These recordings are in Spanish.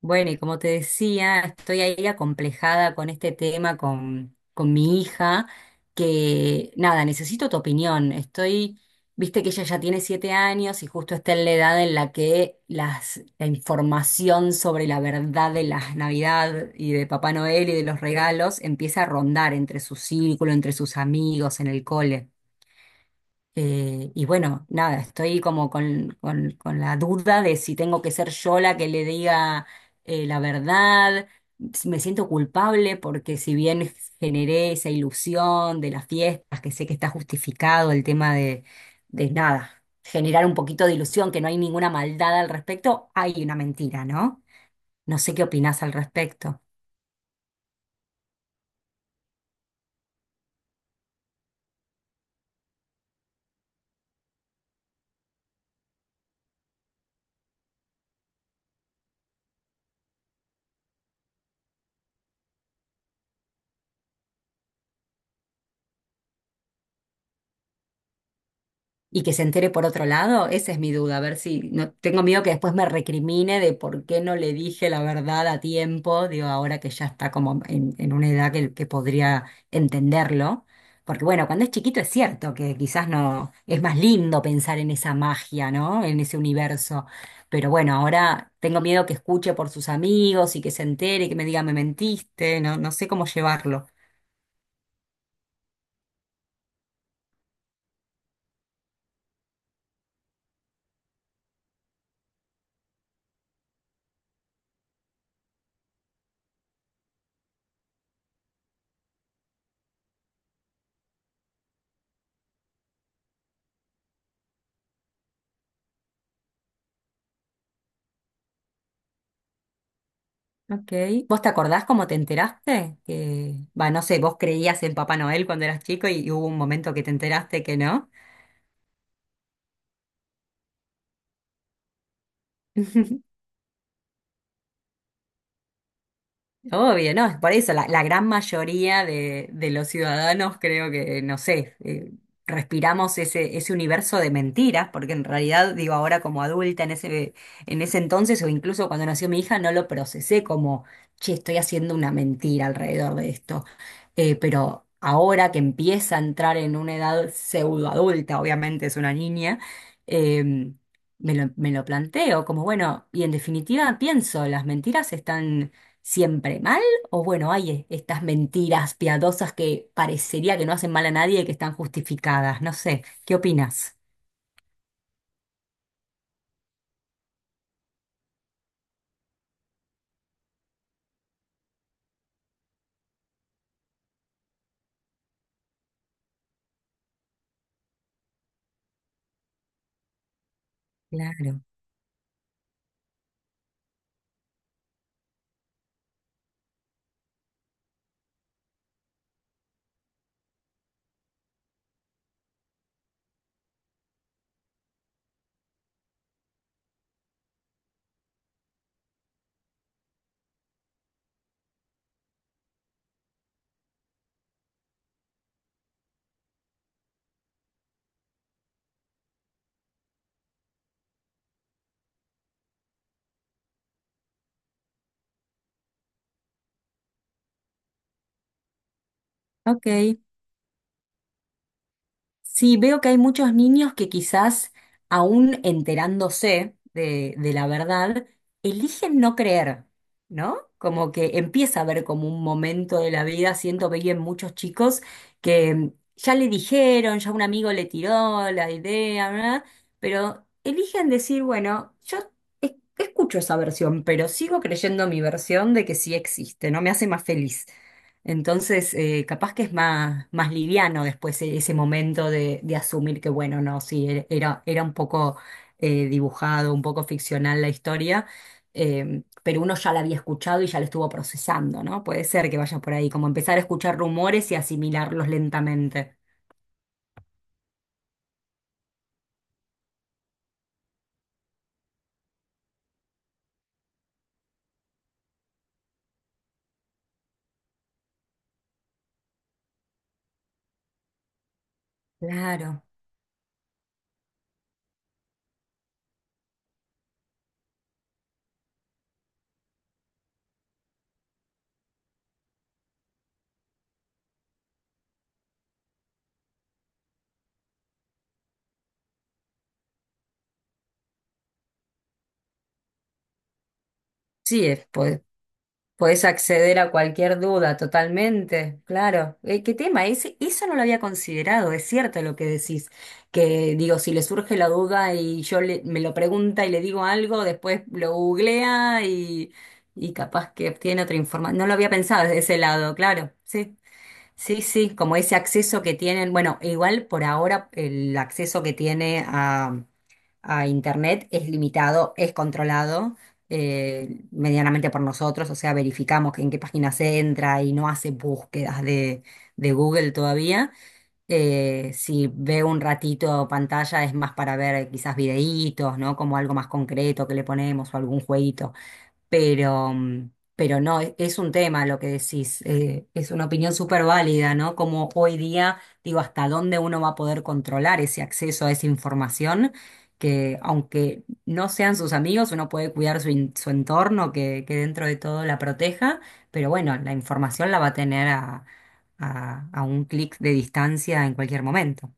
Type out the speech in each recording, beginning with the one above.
Bueno, y como te decía, estoy ahí acomplejada con este tema con mi hija, que nada, necesito tu opinión. Estoy, viste que ella ya tiene 7 años y justo está en la edad en la que la información sobre la verdad de la Navidad y de Papá Noel y de los regalos empieza a rondar entre su círculo, entre sus amigos, en el cole. Y bueno, nada, estoy como con la duda de si tengo que ser yo la que le diga la verdad. Me siento culpable porque si bien generé esa ilusión de las fiestas, que sé que está justificado el tema de nada, generar un poquito de ilusión, que no hay ninguna maldad al respecto, hay una mentira, ¿no? No sé qué opinás al respecto. Y que se entere por otro lado, esa es mi duda, a ver si no tengo miedo que después me recrimine de por qué no le dije la verdad a tiempo, digo, ahora que ya está como en una edad que podría entenderlo. Porque bueno, cuando es chiquito es cierto que quizás no es más lindo pensar en esa magia, ¿no? En ese universo. Pero bueno, ahora tengo miedo que escuche por sus amigos y que se entere y que me diga me mentiste, no, no sé cómo llevarlo. Ok. ¿Vos te acordás cómo te enteraste? Que, va, no sé, vos creías en Papá Noel cuando eras chico y hubo un momento que te enteraste que no. Obvio, no, es por eso la gran mayoría de los ciudadanos creo que, no sé, respiramos ese universo de mentiras, porque en realidad, digo, ahora como adulta en ese entonces o incluso cuando nació mi hija, no lo procesé como, che, estoy haciendo una mentira alrededor de esto. Pero ahora que empieza a entrar en una edad pseudoadulta, obviamente es una niña, em, me lo planteo como, bueno, y en definitiva pienso, ¿las mentiras están siempre mal? O bueno, hay estas mentiras piadosas que parecería que no hacen mal a nadie y que están justificadas. No sé, ¿qué opinas? Claro. Ok. Sí, veo que hay muchos niños que quizás, aún enterándose de la verdad, eligen no creer, ¿no? Como que empieza a haber como un momento de la vida, siento que hay en muchos chicos que ya le dijeron, ya un amigo le tiró la idea, ¿verdad? Pero eligen decir, bueno, yo es- escucho esa versión, pero sigo creyendo mi versión de que sí existe, ¿no? Me hace más feliz. Entonces, capaz que es más, más liviano después ese momento de asumir que, bueno, no, sí, era, era un poco dibujado, un poco ficcional la historia, pero uno ya la había escuchado y ya la estuvo procesando, ¿no? Puede ser que vaya por ahí, como empezar a escuchar rumores y asimilarlos lentamente. Claro. Sí, podés acceder a cualquier duda totalmente, claro. ¿Qué tema? Ese, eso no lo había considerado, es cierto lo que decís, que digo, si le surge la duda y yo me lo pregunta y le digo algo, después lo googlea y capaz que obtiene otra información. No lo había pensado desde ese lado, claro, sí, sí, sí, como ese acceso que tienen, bueno, igual por ahora el acceso que tiene a Internet es limitado, es controlado medianamente por nosotros, o sea, verificamos que en qué página se entra y no hace búsquedas de Google todavía. Si ve un ratito pantalla es más para ver quizás videitos, ¿no? Como algo más concreto que le ponemos o algún jueguito. Pero, pero no, es un tema lo que decís, es una opinión súper válida, ¿no? Como hoy día, digo, hasta dónde uno va a poder controlar ese acceso a esa información, que aunque no sean sus amigos, uno puede cuidar su entorno, que dentro de todo la proteja, pero bueno, la información la va a tener a un clic de distancia en cualquier momento.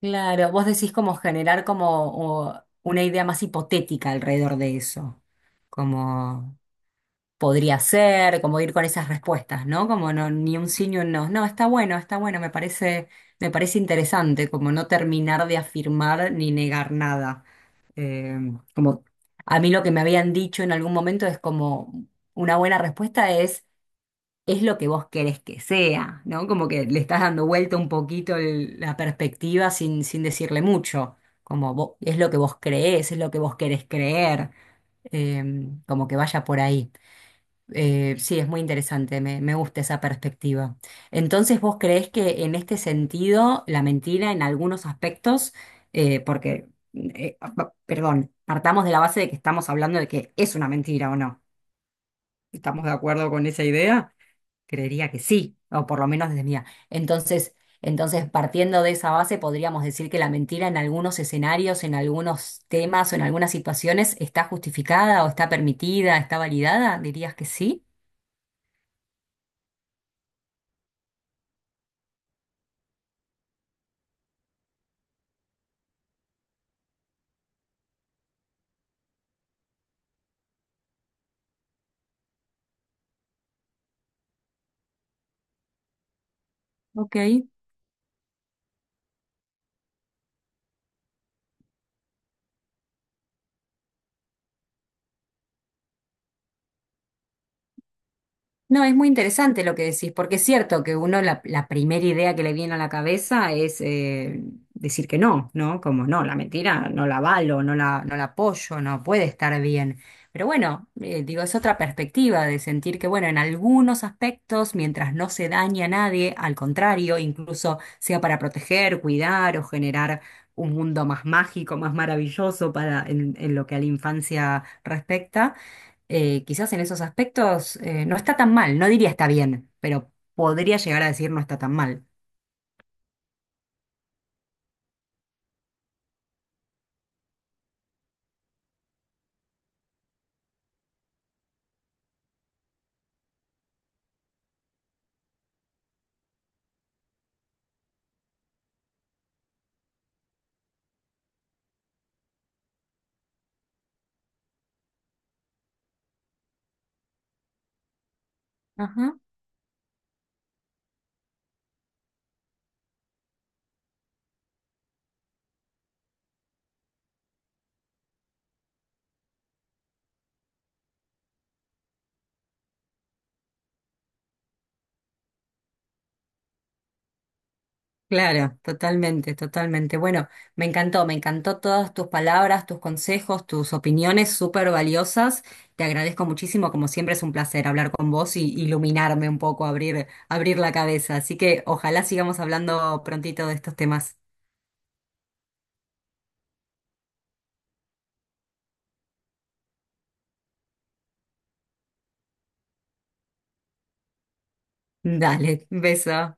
Claro, vos decís como generar como una idea más hipotética alrededor de eso. Como podría ser, como ir con esas respuestas, ¿no? Como no, ni un sí ni un no. No, está bueno, me parece interesante, como no terminar de afirmar ni negar nada. Eh, Como a mí lo que me habían dicho en algún momento es como una buena respuesta es lo que vos querés que sea, ¿no? Como que le estás dando vuelta un poquito la perspectiva sin decirle mucho. Como es lo que vos creés, es lo que vos querés creer, eh, como que vaya por ahí. Sí, es muy interesante, me gusta esa perspectiva. Entonces, ¿vos creés que en este sentido la mentira en algunos aspectos, eh, porque, perdón, partamos de la base de que estamos hablando de que es una mentira o no? ¿Estamos de acuerdo con esa idea? Creería que sí, o por lo menos desde mía. Entonces, entonces, partiendo de esa base, podríamos decir que la mentira en algunos escenarios, en algunos temas o en algunas situaciones está justificada o está permitida, está validada, dirías que sí. Ok. No, es muy interesante lo que decís, porque es cierto que uno la primera idea que le viene a la cabeza es decir que no, ¿no? Como no, la mentira no la avalo, no la apoyo, no puede estar bien. Pero bueno, digo, es otra perspectiva de sentir que, bueno, en algunos aspectos, mientras no se daña a nadie, al contrario, incluso sea para proteger, cuidar o generar un mundo más mágico, más maravilloso para en lo que a la infancia respecta quizás en esos aspectos no está tan mal, no diría está bien, pero podría llegar a decir no está tan mal. Ajá. Claro, totalmente, totalmente. Bueno, me encantó todas tus palabras, tus consejos, tus opiniones súper valiosas. Te agradezco muchísimo, como siempre es un placer hablar con vos y iluminarme un poco, abrir la cabeza. Así que ojalá sigamos hablando prontito de estos temas. Dale, beso.